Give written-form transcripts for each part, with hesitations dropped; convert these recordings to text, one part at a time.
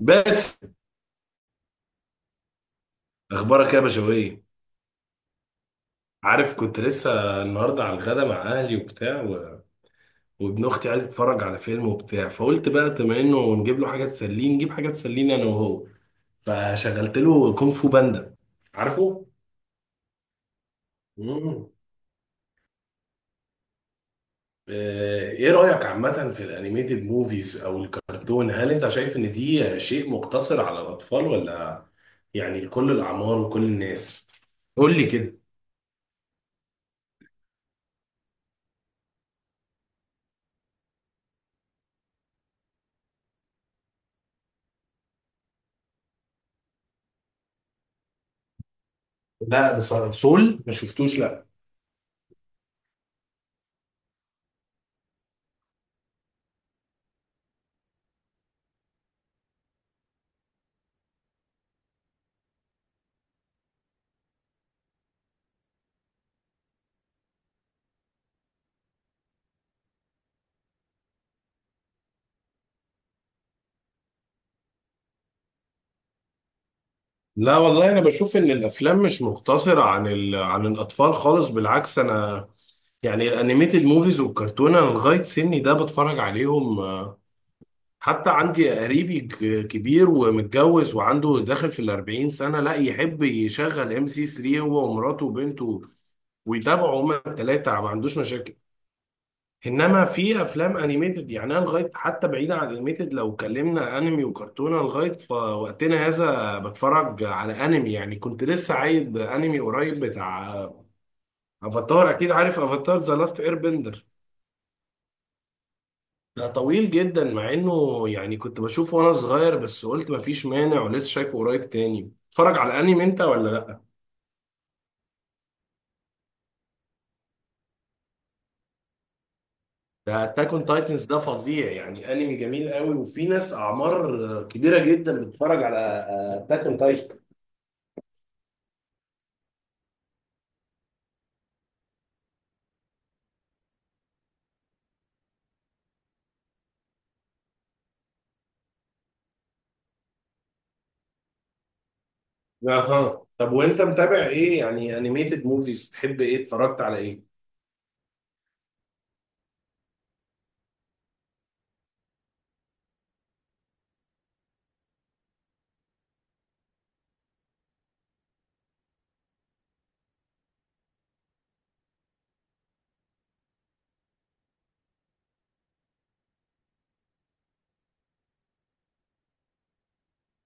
بس. اخبارك يا بشوية. عارف كنت لسه النهارده على الغدا مع اهلي وبتاع وابن اختي عايز يتفرج على فيلم وبتاع، فقلت بقى بما انه نجيب له حاجه تسليه نجيب حاجه تسليني انا وهو. فشغلت له كونغ فو باندا. عارفه؟ مم. ايه رايك عامه في الانيميتد موفيز او الكرتون، هل انت شايف ان دي شيء مقتصر على الاطفال، ولا يعني لكل الاعمار وكل الناس؟ قول لي كده. لا بصراحة سول ما شفتوش، لا. لا والله، انا بشوف ان الافلام مش مقتصره عن الاطفال خالص، بالعكس، انا يعني الانيميتد موفيز والكرتون انا لغايه سني ده بتفرج عليهم. حتى عندي قريبي كبير ومتجوز وعنده داخل في الأربعين سنه، لا يحب يشغل ام سي 3 هو ومراته وبنته، ويتابعوا هما الثلاثه ما عندوش مشاكل. انما في افلام انيميتد يعني، انا لغايه حتى بعيدا عن انيميتد، لو اتكلمنا انمي وكرتونه لغايه وقتنا هذا بتفرج على انمي. يعني كنت لسه عايد انمي قريب بتاع افاتار، اكيد عارف افاتار ذا لاست اير بندر. ده طويل جدا مع انه يعني كنت بشوفه وانا صغير، بس قلت مفيش مانع ولسه شايفه قريب تاني. اتفرج على انمي انت ولا لا؟ ده اتاك اون تايتنز ده فظيع، يعني انمي جميل قوي، وفي ناس اعمار كبيره جدا بتتفرج على اتاك اون تايتنز. اها، طب وانت متابع ايه يعني؟ انيميتد موفيز تحب ايه؟ اتفرجت على ايه؟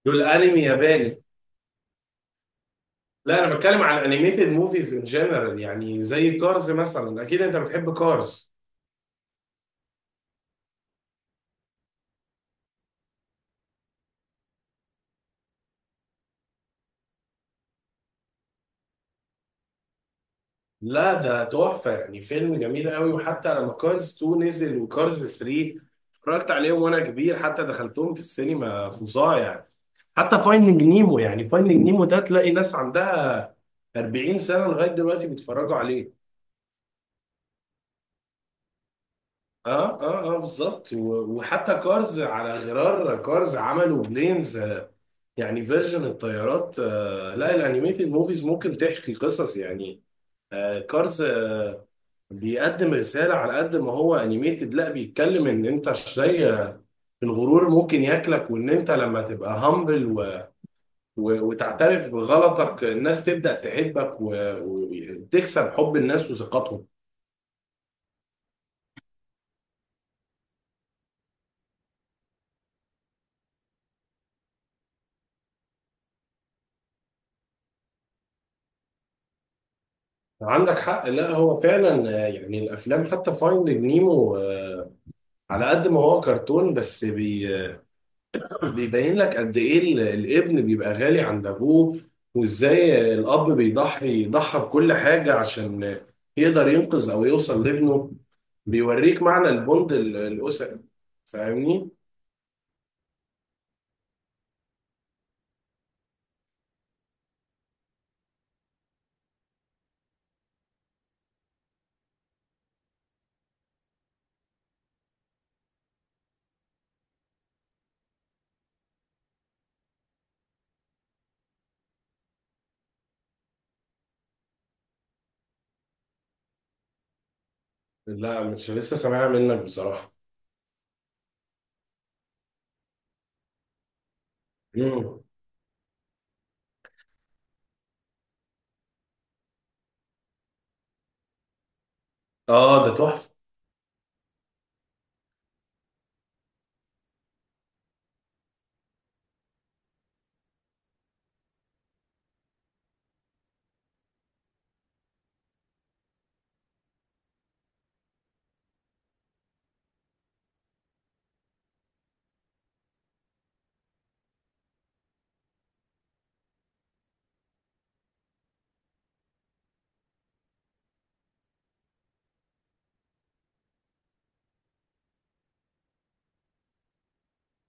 دول انمي ياباني. لا انا بتكلم على انيميتد موفيز ان جنرال، يعني زي كارز مثلا، اكيد انت بتحب كارز. لا ده تحفه يعني، فيلم جميل قوي. وحتى لما كارز 2 نزل وكارز 3 اتفرجت عليهم وانا كبير، حتى دخلتهم في السينما، فظاع يعني. حتى فايندنج نيمو، يعني فايندنج نيمو ده تلاقي ناس عندها 40 سنه لغايه دلوقتي بيتفرجوا عليه. اه اه اه، بالظبط. وحتى كارز، على غرار كارز عملوا بلينز، يعني فيرجن الطيارات. لا الانيميتد موفيز ممكن تحكي قصص يعني. كارز، بيقدم رسالة على قد ما هو انيميتد. لا بيتكلم ان انت زي الغرور ممكن ياكلك، وان انت لما تبقى هامبل وتعترف بغلطك الناس تبدأ تحبك وتكسب حب الناس وثقتهم. عندك حق. لا هو فعلا، يعني الافلام حتى فايندينج نيمو، على قد ما هو كرتون، بس بي آه، بيبين لك قد ايه الابن بيبقى غالي عند ابوه، وازاي الاب بيضحي، يضحي بكل حاجه عشان يقدر ينقذ او يوصل لابنه. بيوريك معنى البوند الاسري. فاهمني؟ لا مش لسه سامعها منك بصراحه. مم. اه ده تحفه.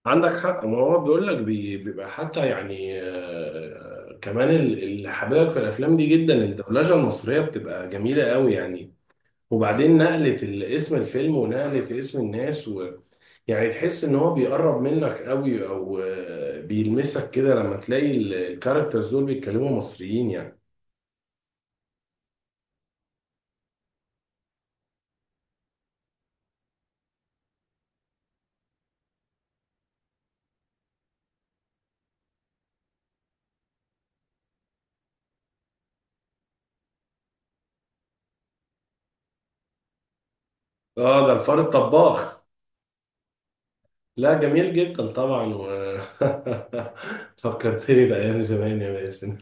عندك حق. ما هو بيقول لك بيبقى حتى يعني، كمان اللي حاببك في الافلام دي جدا الدبلجه المصريه بتبقى جميله قوي يعني. وبعدين نقله اسم الفيلم ونقله اسم الناس، و يعني تحس ان هو بيقرب منك قوي، او بيلمسك كده لما تلاقي الكاركترز دول بيتكلموا مصريين يعني. اه ده الفار الطباخ. لا جميل جدا طبعا و فكرتني بأيام زمان يا باسم.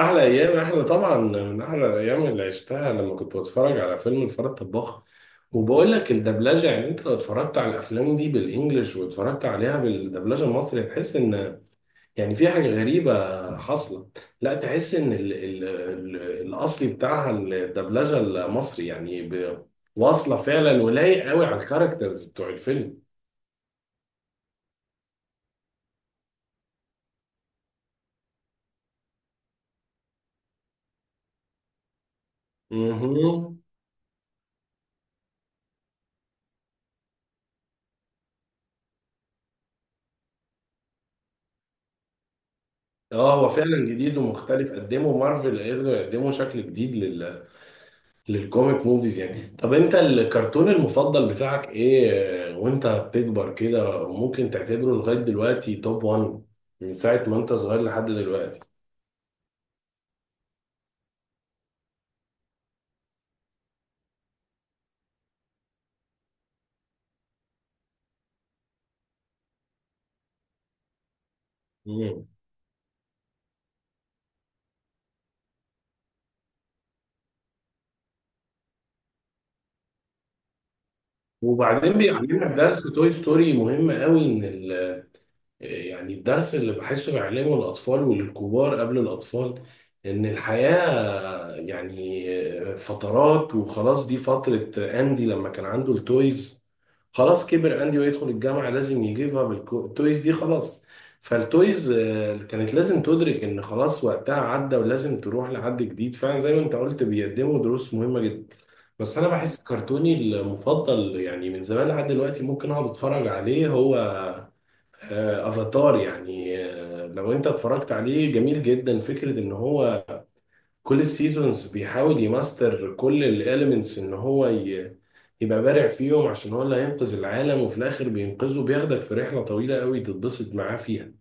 احلى ايام، احلى طبعا من احلى الايام اللي عشتها لما كنت بتفرج على فيلم الفار الطباخ. وبقول لك الدبلجه، يعني انت لو اتفرجت على الافلام دي بالانجلش واتفرجت عليها بالدبلجه المصري هتحس ان يعني في حاجه غريبه حاصله. لا تحس ان ال ال ال الاصلي بتاعها الدبلجه المصري يعني واصله فعلا ولايق قوي على الكاركترز بتوع الفيلم. مهم. اه هو فعلا جديد ومختلف، قدموا مارفل قدروا يقدموا شكل جديد للكوميك موفيز يعني. طب انت الكرتون المفضل بتاعك ايه وانت بتكبر كده، وممكن تعتبره لغاية دلوقتي توب 1 من ساعة ما انت صغير لحد دلوقتي؟ مم. وبعدين بيعلمك درس، توي ستوري مهم قوي ان يعني الدرس اللي بحسه بيعلمه الاطفال وللكبار قبل الاطفال، ان الحياة يعني فترات وخلاص. دي فترة اندي لما كان عنده التويز، خلاص كبر اندي ويدخل الجامعه، لازم يجيب اب التويز دي خلاص. فالتويز كانت لازم تدرك ان خلاص وقتها عدى ولازم تروح لحد جديد. فعلا زي ما انت قلت بيقدموا دروس مهمه جدا. بس انا بحس كرتوني المفضل يعني من زمان لحد دلوقتي ممكن اقعد اتفرج عليه هو، افاتار. يعني لو انت اتفرجت عليه جميل جدا، فكره ان هو كل السيزونز بيحاول يماستر كل الاليمنتس ان هو يبقى بارع فيهم عشان هو اللي هينقذ العالم، وفي الاخر بينقذه. بياخدك في رحلة طويلة قوي تتبسط معاه فيها.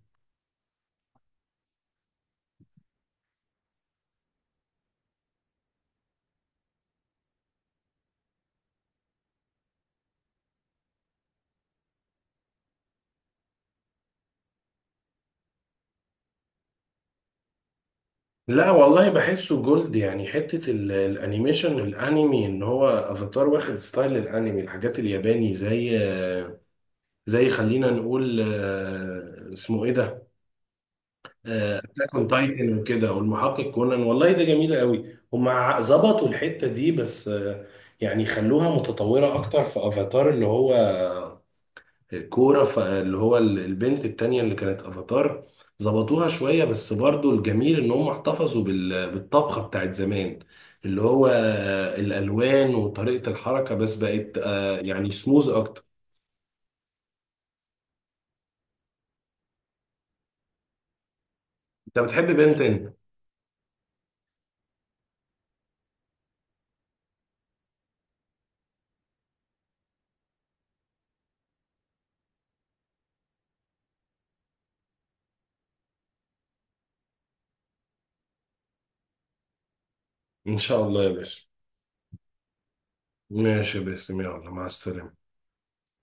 لا والله بحسه جولد يعني، حتة الانيميشن الانمي ان هو افاتار واخد ستايل الانمي، الحاجات الياباني زي خلينا نقول، اسمه ايه ده، اتاك اون تايتن وكده والمحقق كونان. والله ده جميل قوي. هم ظبطوا الحته دي بس، يعني خلوها متطوره اكتر في افاتار، اللي هو الكوره، اللي هو البنت التانية اللي كانت افاتار. ظبطوها شويه بس برضو الجميل ان هم احتفظوا بالطبخه بتاعت زمان، اللي هو الالوان وطريقه الحركه، بس بقت يعني سموز اكتر. انت بتحب بنتين. ان شاء الله يا باشا. ماشي يا باسم، يلا، مع السلامه.